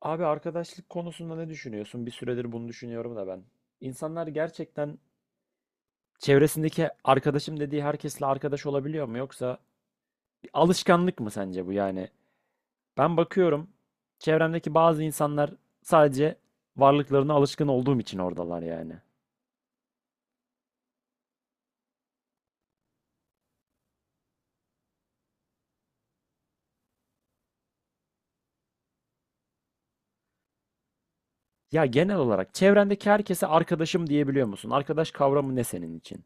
Abi arkadaşlık konusunda ne düşünüyorsun? Bir süredir bunu düşünüyorum da ben. İnsanlar gerçekten çevresindeki arkadaşım dediği herkesle arkadaş olabiliyor mu? Yoksa bir alışkanlık mı sence bu yani? Ben bakıyorum çevremdeki bazı insanlar sadece varlıklarına alışkın olduğum için oradalar yani. Ya genel olarak çevrendeki herkese arkadaşım diyebiliyor musun? Arkadaş kavramı ne senin için?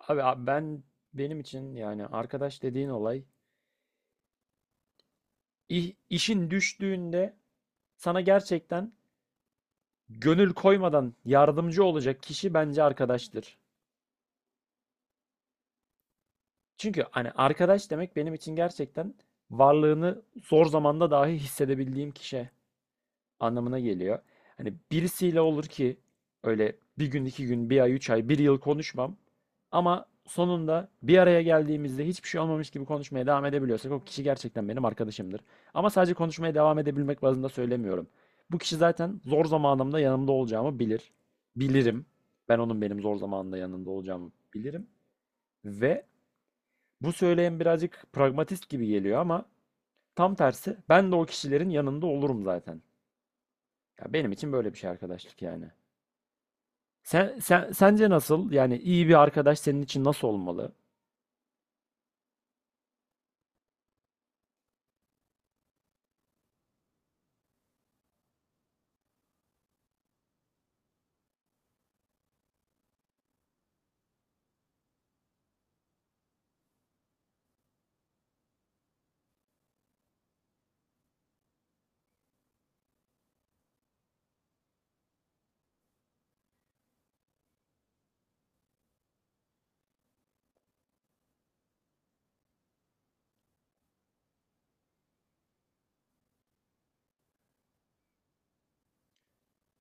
Abi benim için yani arkadaş dediğin olay işin düştüğünde sana gerçekten gönül koymadan yardımcı olacak kişi bence arkadaştır. Çünkü hani arkadaş demek benim için gerçekten varlığını zor zamanda dahi hissedebildiğim kişi anlamına geliyor. Hani birisiyle olur ki öyle bir gün, iki gün, bir ay, üç ay, bir yıl konuşmam. Ama sonunda bir araya geldiğimizde hiçbir şey olmamış gibi konuşmaya devam edebiliyorsak o kişi gerçekten benim arkadaşımdır. Ama sadece konuşmaya devam edebilmek bazında söylemiyorum. Bu kişi zaten zor zamanımda yanımda olacağımı bilir. Bilirim. Ben onun benim zor zamanımda yanında olacağımı bilirim. Ve bu söyleyen birazcık pragmatist gibi geliyor ama tam tersi ben de o kişilerin yanında olurum zaten. Ya benim için böyle bir şey arkadaşlık yani. Sen sence nasıl? Yani iyi bir arkadaş senin için nasıl olmalı?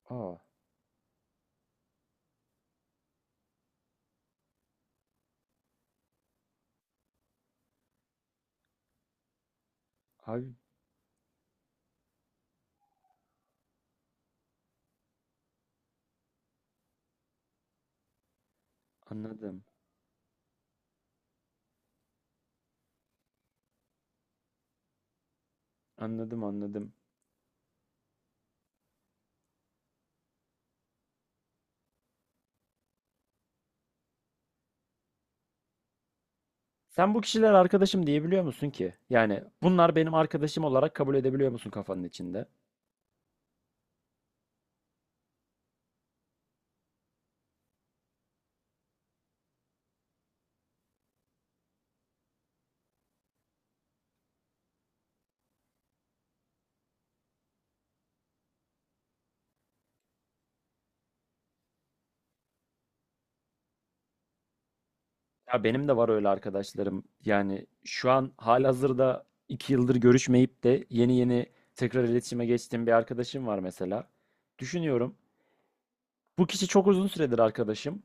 Aa, abi anladım. Anladım, anladım. Sen bu kişiler arkadaşım diyebiliyor musun ki? Yani bunlar benim arkadaşım olarak kabul edebiliyor musun kafanın içinde? Ya benim de var öyle arkadaşlarım. Yani şu an halihazırda 2 yıldır görüşmeyip de yeni yeni tekrar iletişime geçtiğim bir arkadaşım var mesela. Düşünüyorum. Bu kişi çok uzun süredir arkadaşım.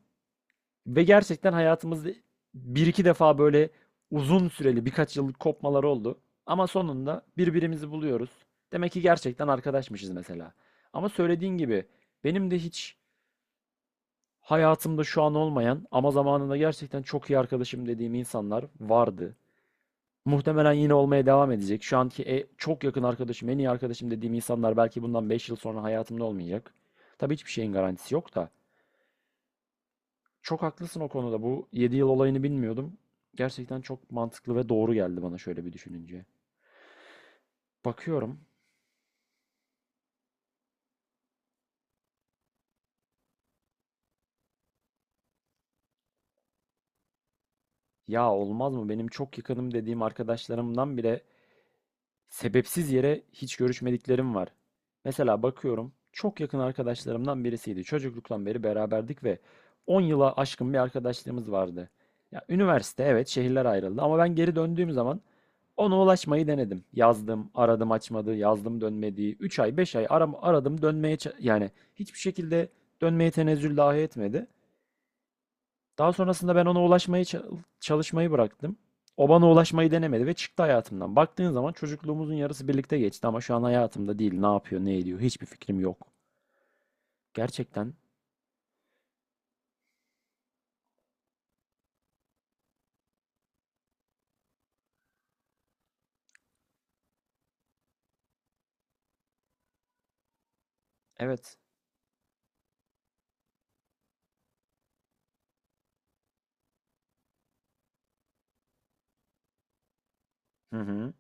Ve gerçekten hayatımızda bir iki defa böyle uzun süreli birkaç yıllık kopmalar oldu. Ama sonunda birbirimizi buluyoruz. Demek ki gerçekten arkadaşmışız mesela. Ama söylediğin gibi benim de hiç hayatımda şu an olmayan ama zamanında gerçekten çok iyi arkadaşım dediğim insanlar vardı. Muhtemelen yine olmaya devam edecek. Şu anki çok yakın arkadaşım, en iyi arkadaşım dediğim insanlar belki bundan 5 yıl sonra hayatımda olmayacak. Tabii hiçbir şeyin garantisi yok da. Çok haklısın o konuda. Bu 7 yıl olayını bilmiyordum. Gerçekten çok mantıklı ve doğru geldi bana şöyle bir düşününce. Bakıyorum. Ya olmaz mı? Benim çok yakınım dediğim arkadaşlarımdan bile sebepsiz yere hiç görüşmediklerim var. Mesela bakıyorum. Çok yakın arkadaşlarımdan birisiydi. Çocukluktan beri beraberdik ve 10 yıla aşkın bir arkadaşlığımız vardı. Ya üniversite evet şehirler ayrıldı ama ben geri döndüğüm zaman ona ulaşmayı denedim. Yazdım, aradım açmadı, yazdım dönmedi. 3 ay, 5 ay aradım dönmeye yani hiçbir şekilde dönmeye tenezzül dahi etmedi. Daha sonrasında ben ona ulaşmayı çalışmayı bıraktım. O bana ulaşmayı denemedi ve çıktı hayatımdan. Baktığın zaman çocukluğumuzun yarısı birlikte geçti ama şu an hayatımda değil. Ne yapıyor, ne ediyor hiçbir fikrim yok. Gerçekten evet. Hı hı.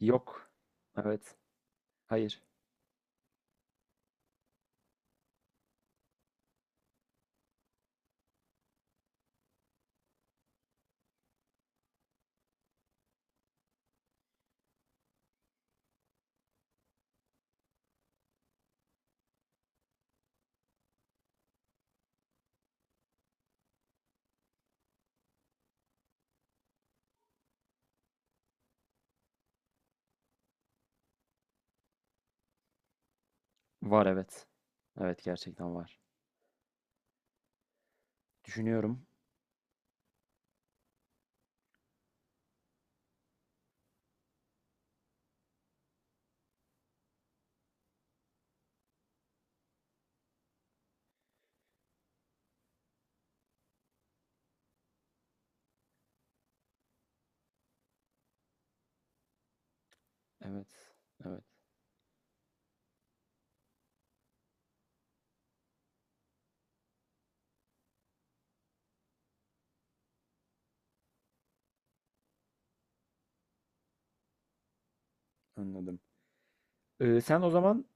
Yok. Evet. Hayır. Var evet. Evet gerçekten var. Düşünüyorum. Evet. Evet. Anladım. Sen o zaman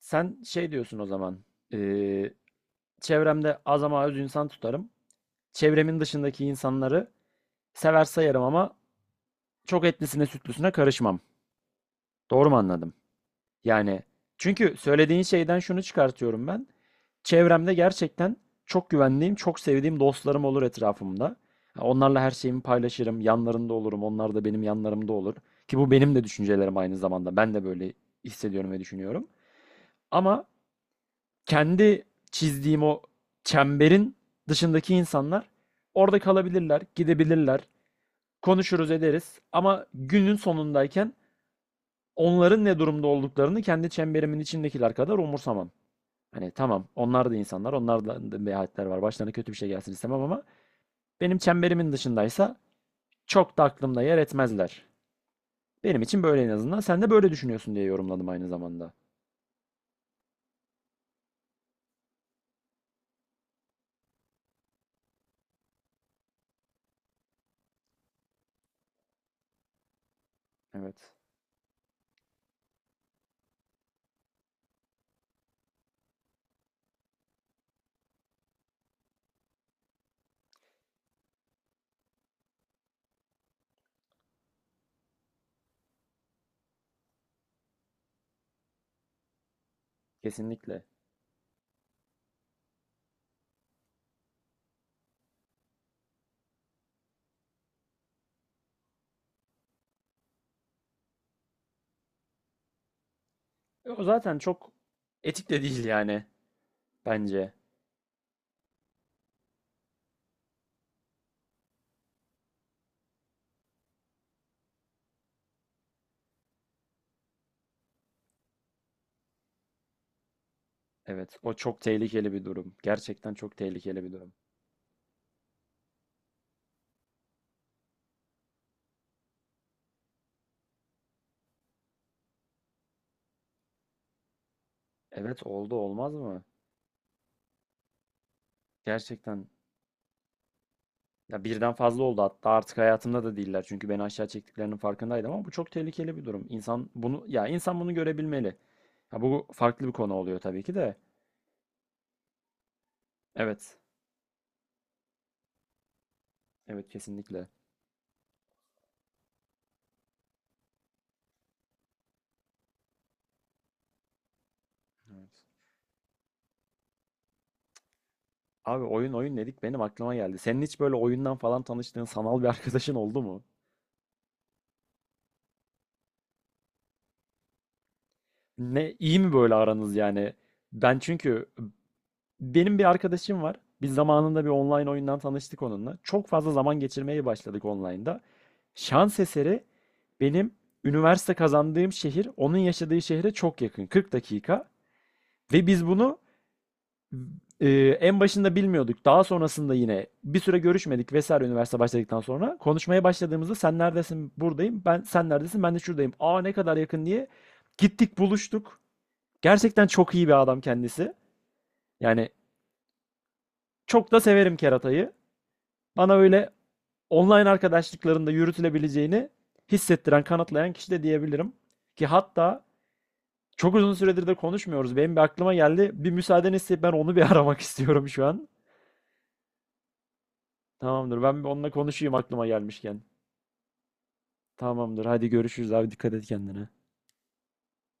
sen şey diyorsun o zaman. ee, çevremde az ama az insan tutarım. Çevremin dışındaki insanları sever sayarım ama çok etlisine sütlüsüne karışmam. Doğru mu anladım? Yani çünkü söylediğin şeyden şunu çıkartıyorum ben. Çevremde gerçekten çok güvendiğim, çok sevdiğim dostlarım olur etrafımda. Onlarla her şeyimi paylaşırım, yanlarında olurum, onlar da benim yanlarımda olur. Ki bu benim de düşüncelerim aynı zamanda. Ben de böyle hissediyorum ve düşünüyorum. Ama kendi çizdiğim o çemberin dışındaki insanlar orada kalabilirler, gidebilirler. Konuşuruz ederiz ama günün sonundayken onların ne durumda olduklarını kendi çemberimin içindekiler kadar umursamam. Hani tamam onlar da insanlar, onlar da menfaatler var. Başlarına kötü bir şey gelsin istemem ama benim çemberimin dışındaysa çok da aklımda yer etmezler. Benim için böyle en azından. Sen de böyle düşünüyorsun diye yorumladım aynı zamanda. Evet, kesinlikle. E, o zaten çok etik de değil yani bence. Evet, o çok tehlikeli bir durum. Gerçekten çok tehlikeli bir durum. Evet, oldu olmaz mı? Gerçekten. Ya birden fazla oldu hatta artık hayatımda da değiller. Çünkü beni aşağı çektiklerinin farkındaydım ama bu çok tehlikeli bir durum. İnsan bunu ya insan bunu görebilmeli. Ha bu farklı bir konu oluyor tabii ki de. Evet. Evet kesinlikle. Evet. Abi oyun oyun dedik benim aklıma geldi. Senin hiç böyle oyundan falan tanıştığın sanal bir arkadaşın oldu mu? Ne iyi mi böyle aranız yani? Ben çünkü benim bir arkadaşım var. Biz zamanında bir online oyundan tanıştık onunla. Çok fazla zaman geçirmeye başladık online'da. Şans eseri benim üniversite kazandığım şehir onun yaşadığı şehre çok yakın. 40 dakika. Ve biz bunu e, en başında bilmiyorduk. Daha sonrasında yine bir süre görüşmedik vesaire üniversite başladıktan sonra. Konuşmaya başladığımızda sen neredesin? Buradayım. Ben sen neredesin? Ben de şuradayım. Aa ne kadar yakın diye gittik buluştuk. Gerçekten çok iyi bir adam kendisi. Yani çok da severim keratayı. Bana öyle online arkadaşlıklarında yürütülebileceğini hissettiren, kanıtlayan kişi de diyebilirim. Ki hatta çok uzun süredir de konuşmuyoruz. Benim bir aklıma geldi. Bir müsaadeni isteyip ben onu bir aramak istiyorum şu an. Tamamdır. Ben bir onunla konuşayım aklıma gelmişken. Tamamdır. Hadi görüşürüz abi. Dikkat et kendine.